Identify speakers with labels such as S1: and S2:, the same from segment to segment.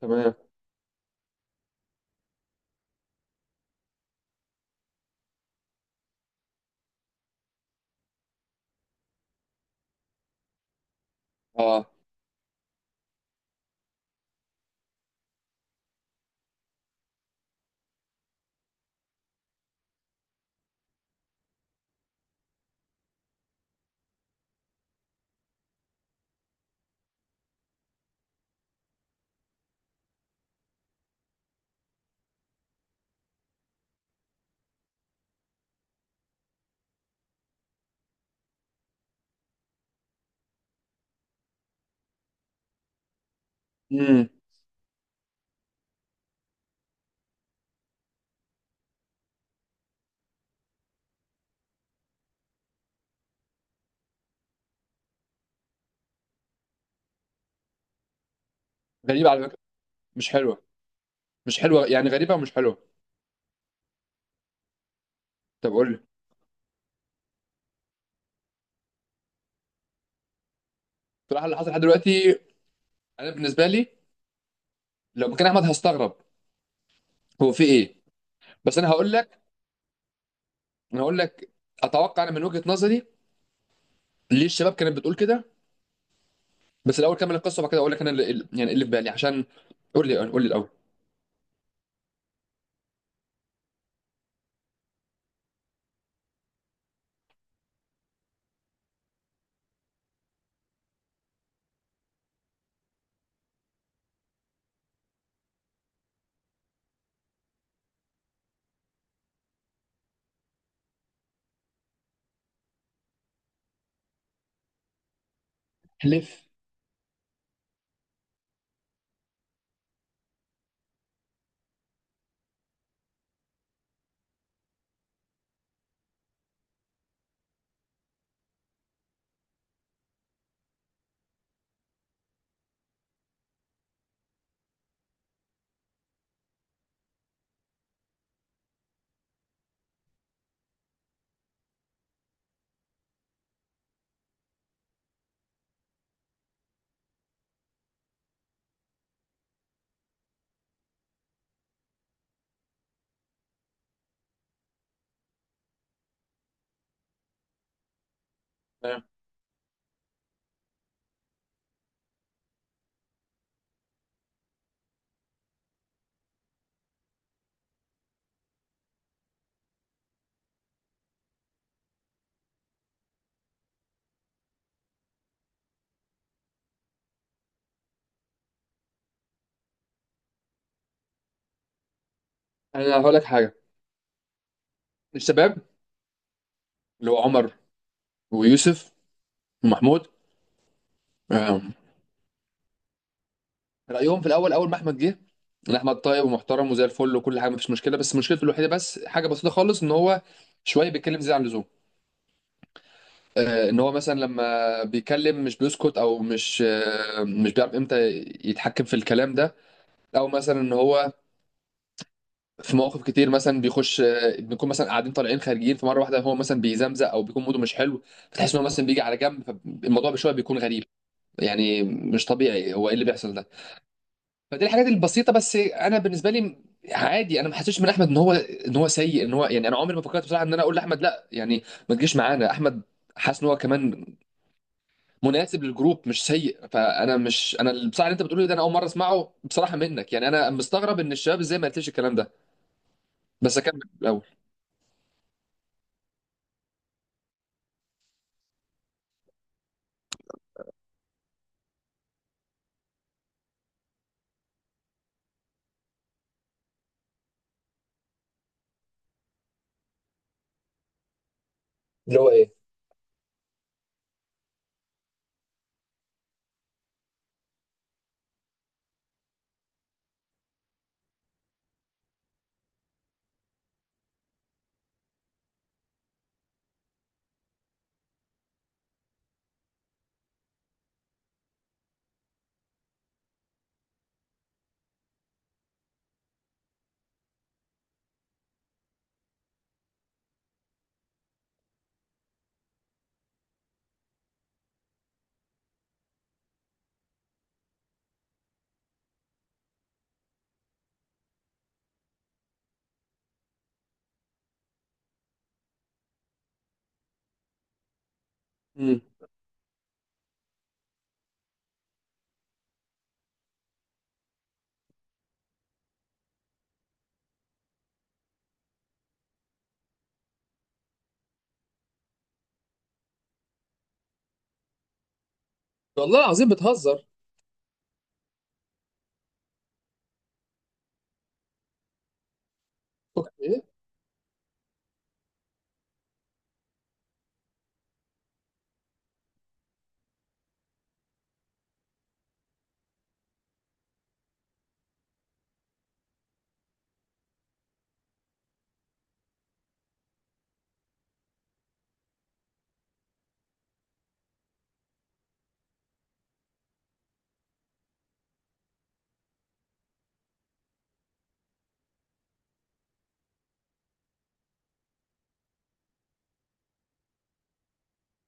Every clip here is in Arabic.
S1: تمام. اه. امم. غريبه على فكره، مش حلوه. مش حلوه يعني، غريبه ومش حلوه. طب قول لي. بصراحه اللي حصل لحد دلوقتي، انا بالنسبه لي لو مكان احمد هستغرب. هو في ايه؟ بس انا هقول لك. انا هقول لك اتوقع انا من وجهه نظري ليه الشباب كانت بتقول كده، بس الاول كمل القصه وبعد كده اقول لك انا يعني اللي في بالي، عشان قول لي. الاول. لف. تمام. انا هقول لك حاجه. الشباب اللي هو عمر ويوسف ومحمود، رايهم في الاول، اول ما احمد جه، ان احمد طيب ومحترم وزي الفل وكل حاجه، مفيش مشكله، بس مشكلته الوحيده، بس حاجه بسيطه خالص، ان هو شويه بيتكلم زياده عن اللزوم. ان هو مثلا لما بيتكلم مش بيسكت، او مش، مش بيعرف امتى يتحكم في الكلام ده، او مثلا ان هو في مواقف كتير مثلا بيخش، بنكون مثلا قاعدين طالعين خارجين، فمره واحده هو مثلا بيزمزق او بيكون موده مش حلو، فتحس ان هو مثلا بيجي على جنب، فالموضوع بشويه بيكون غريب يعني، مش طبيعي، هو ايه اللي بيحصل ده؟ فدي الحاجات البسيطه، بس انا بالنسبه لي عادي، انا ما حسيتش من احمد ان هو سيء، ان هو يعني، انا عمري ما فكرت بصراحه ان انا اقول لاحمد لا يعني ما تجيش معانا احمد. حاسس ان هو كمان مناسب للجروب، مش سيء، فانا مش بصراحه اللي انت بتقوله ده انا اول مره اسمعه بصراحه منك، يعني انا مستغرب ان الشباب ازاي ما قلتليش الكلام ده. بس اكمل الاول. امم. والله العظيم بتهزر؟ فكك من ايه.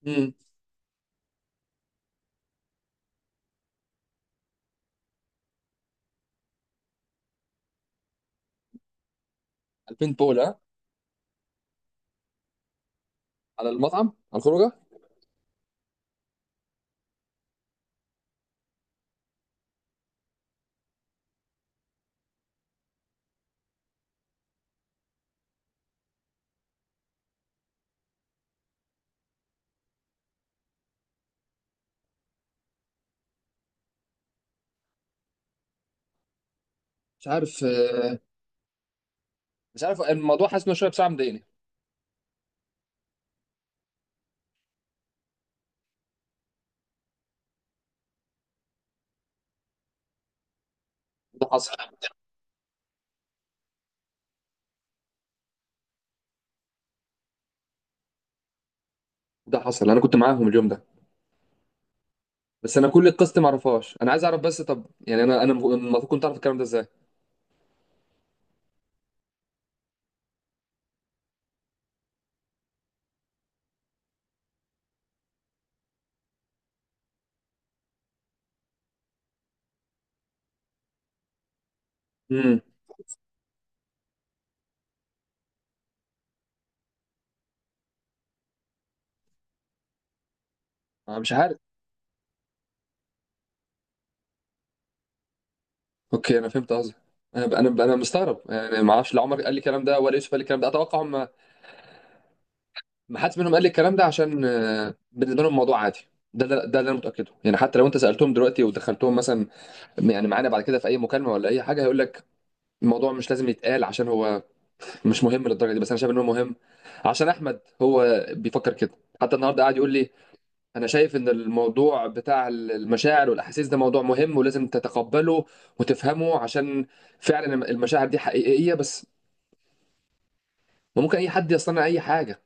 S1: امم. 2000 بولا؟ على المطعم، على الخروجه. مش عارف، مش عارف الموضوع، حاسس انه شويه بصراحه مضايقني. ده حصل. ده حصل، انا كنت معاهم اليوم ده، بس انا كل القصه دي معرفهاش، انا عايز اعرف. بس طب يعني انا، المفروض كنت اعرف الكلام ده ازاي؟ امم. انا مش عارف. اوكي انا فهمت قصدك. انا مستغرب يعني، ما اعرفش، لا عمر قال لي الكلام ده ولا يوسف قال لي الكلام ده. اتوقع هم، ما حدش منهم قال لي الكلام ده، عشان بالنسبه لهم الموضوع عادي. ده اللي انا متاكده يعني، حتى لو انت سالتهم دلوقتي ودخلتهم مثلا يعني معانا بعد كده في اي مكالمه ولا اي حاجه، هيقول لك الموضوع مش لازم يتقال، عشان هو مش مهم للدرجه دي، بس انا شايف ان هو مهم، عشان احمد هو بيفكر كده. حتى النهارده قاعد يقول لي، انا شايف ان الموضوع بتاع المشاعر والاحاسيس ده موضوع مهم ولازم تتقبله وتفهمه، عشان فعلا المشاعر دي حقيقية، بس ممكن اي حد يصنع اي حاجة.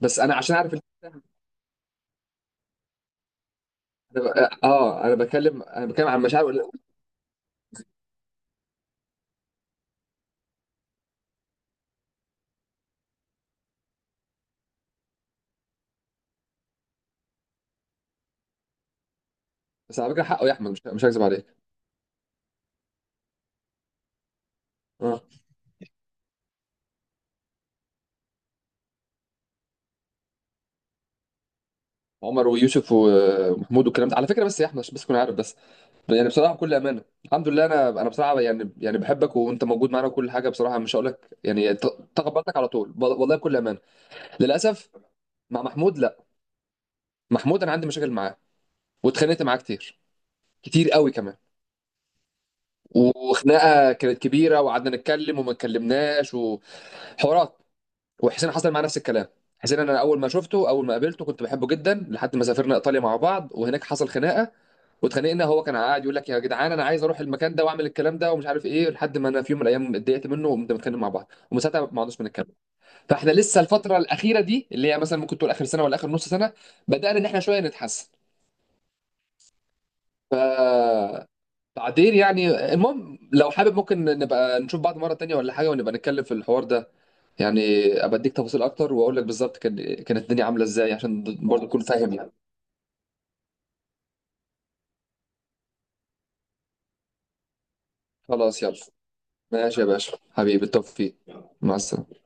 S1: بس انا عشان اعرف ب- اه انا بتكلم، عن مشاعر. بس على فكره حقه يا احمد، مش هكذب عليك. اه. عمر ويوسف ومحمود والكلام ده على فكره، بس يا احمد عشان بس تكون عارف بس، يعني بصراحه بكل امانه، الحمد لله، انا انا بصراحه يعني، يعني بحبك وانت موجود معانا وكل حاجه، بصراحه مش هقول لك يعني تقبلتك على طول والله بكل امانه. للاسف مع محمود لا، محمود انا عندي مشاكل معاه، واتخانقت معاه كتير، كتير قوي كمان، وخناقه كانت كبيره، وقعدنا نتكلم وما اتكلمناش، وحوارات. وحسين حصل معاه نفس الكلام. حسين انا اول ما شفته، اول ما قابلته كنت بحبه جدا، لحد ما سافرنا ايطاليا مع بعض وهناك حصل خناقه، واتخانقنا. هو كان قاعد يقول لك يا جدعان انا عايز اروح المكان ده واعمل الكلام ده ومش عارف ايه، لحد ما انا في يوم من الايام اتضايقت منه، وقمت متخانق مع بعض، ومن ساعتها ما عدناش بنتكلم. فاحنا لسه الفتره الاخيره دي، اللي هي مثلا ممكن تقول اخر سنه ولا اخر نص سنه، بدانا ان احنا شويه نتحسن. ف تعديل يعني. المهم لو حابب ممكن نبقى نشوف بعض مرة تانية ولا حاجة، ونبقى نتكلم في الحوار ده يعني، ابقى اديك تفاصيل اكتر واقول لك بالظبط كان، كانت الدنيا عاملة ازاي، عشان برضه تكون فاهم يعني. خلاص يلا، ماشي يا باشا حبيبي، بالتوفيق، مع السلامة.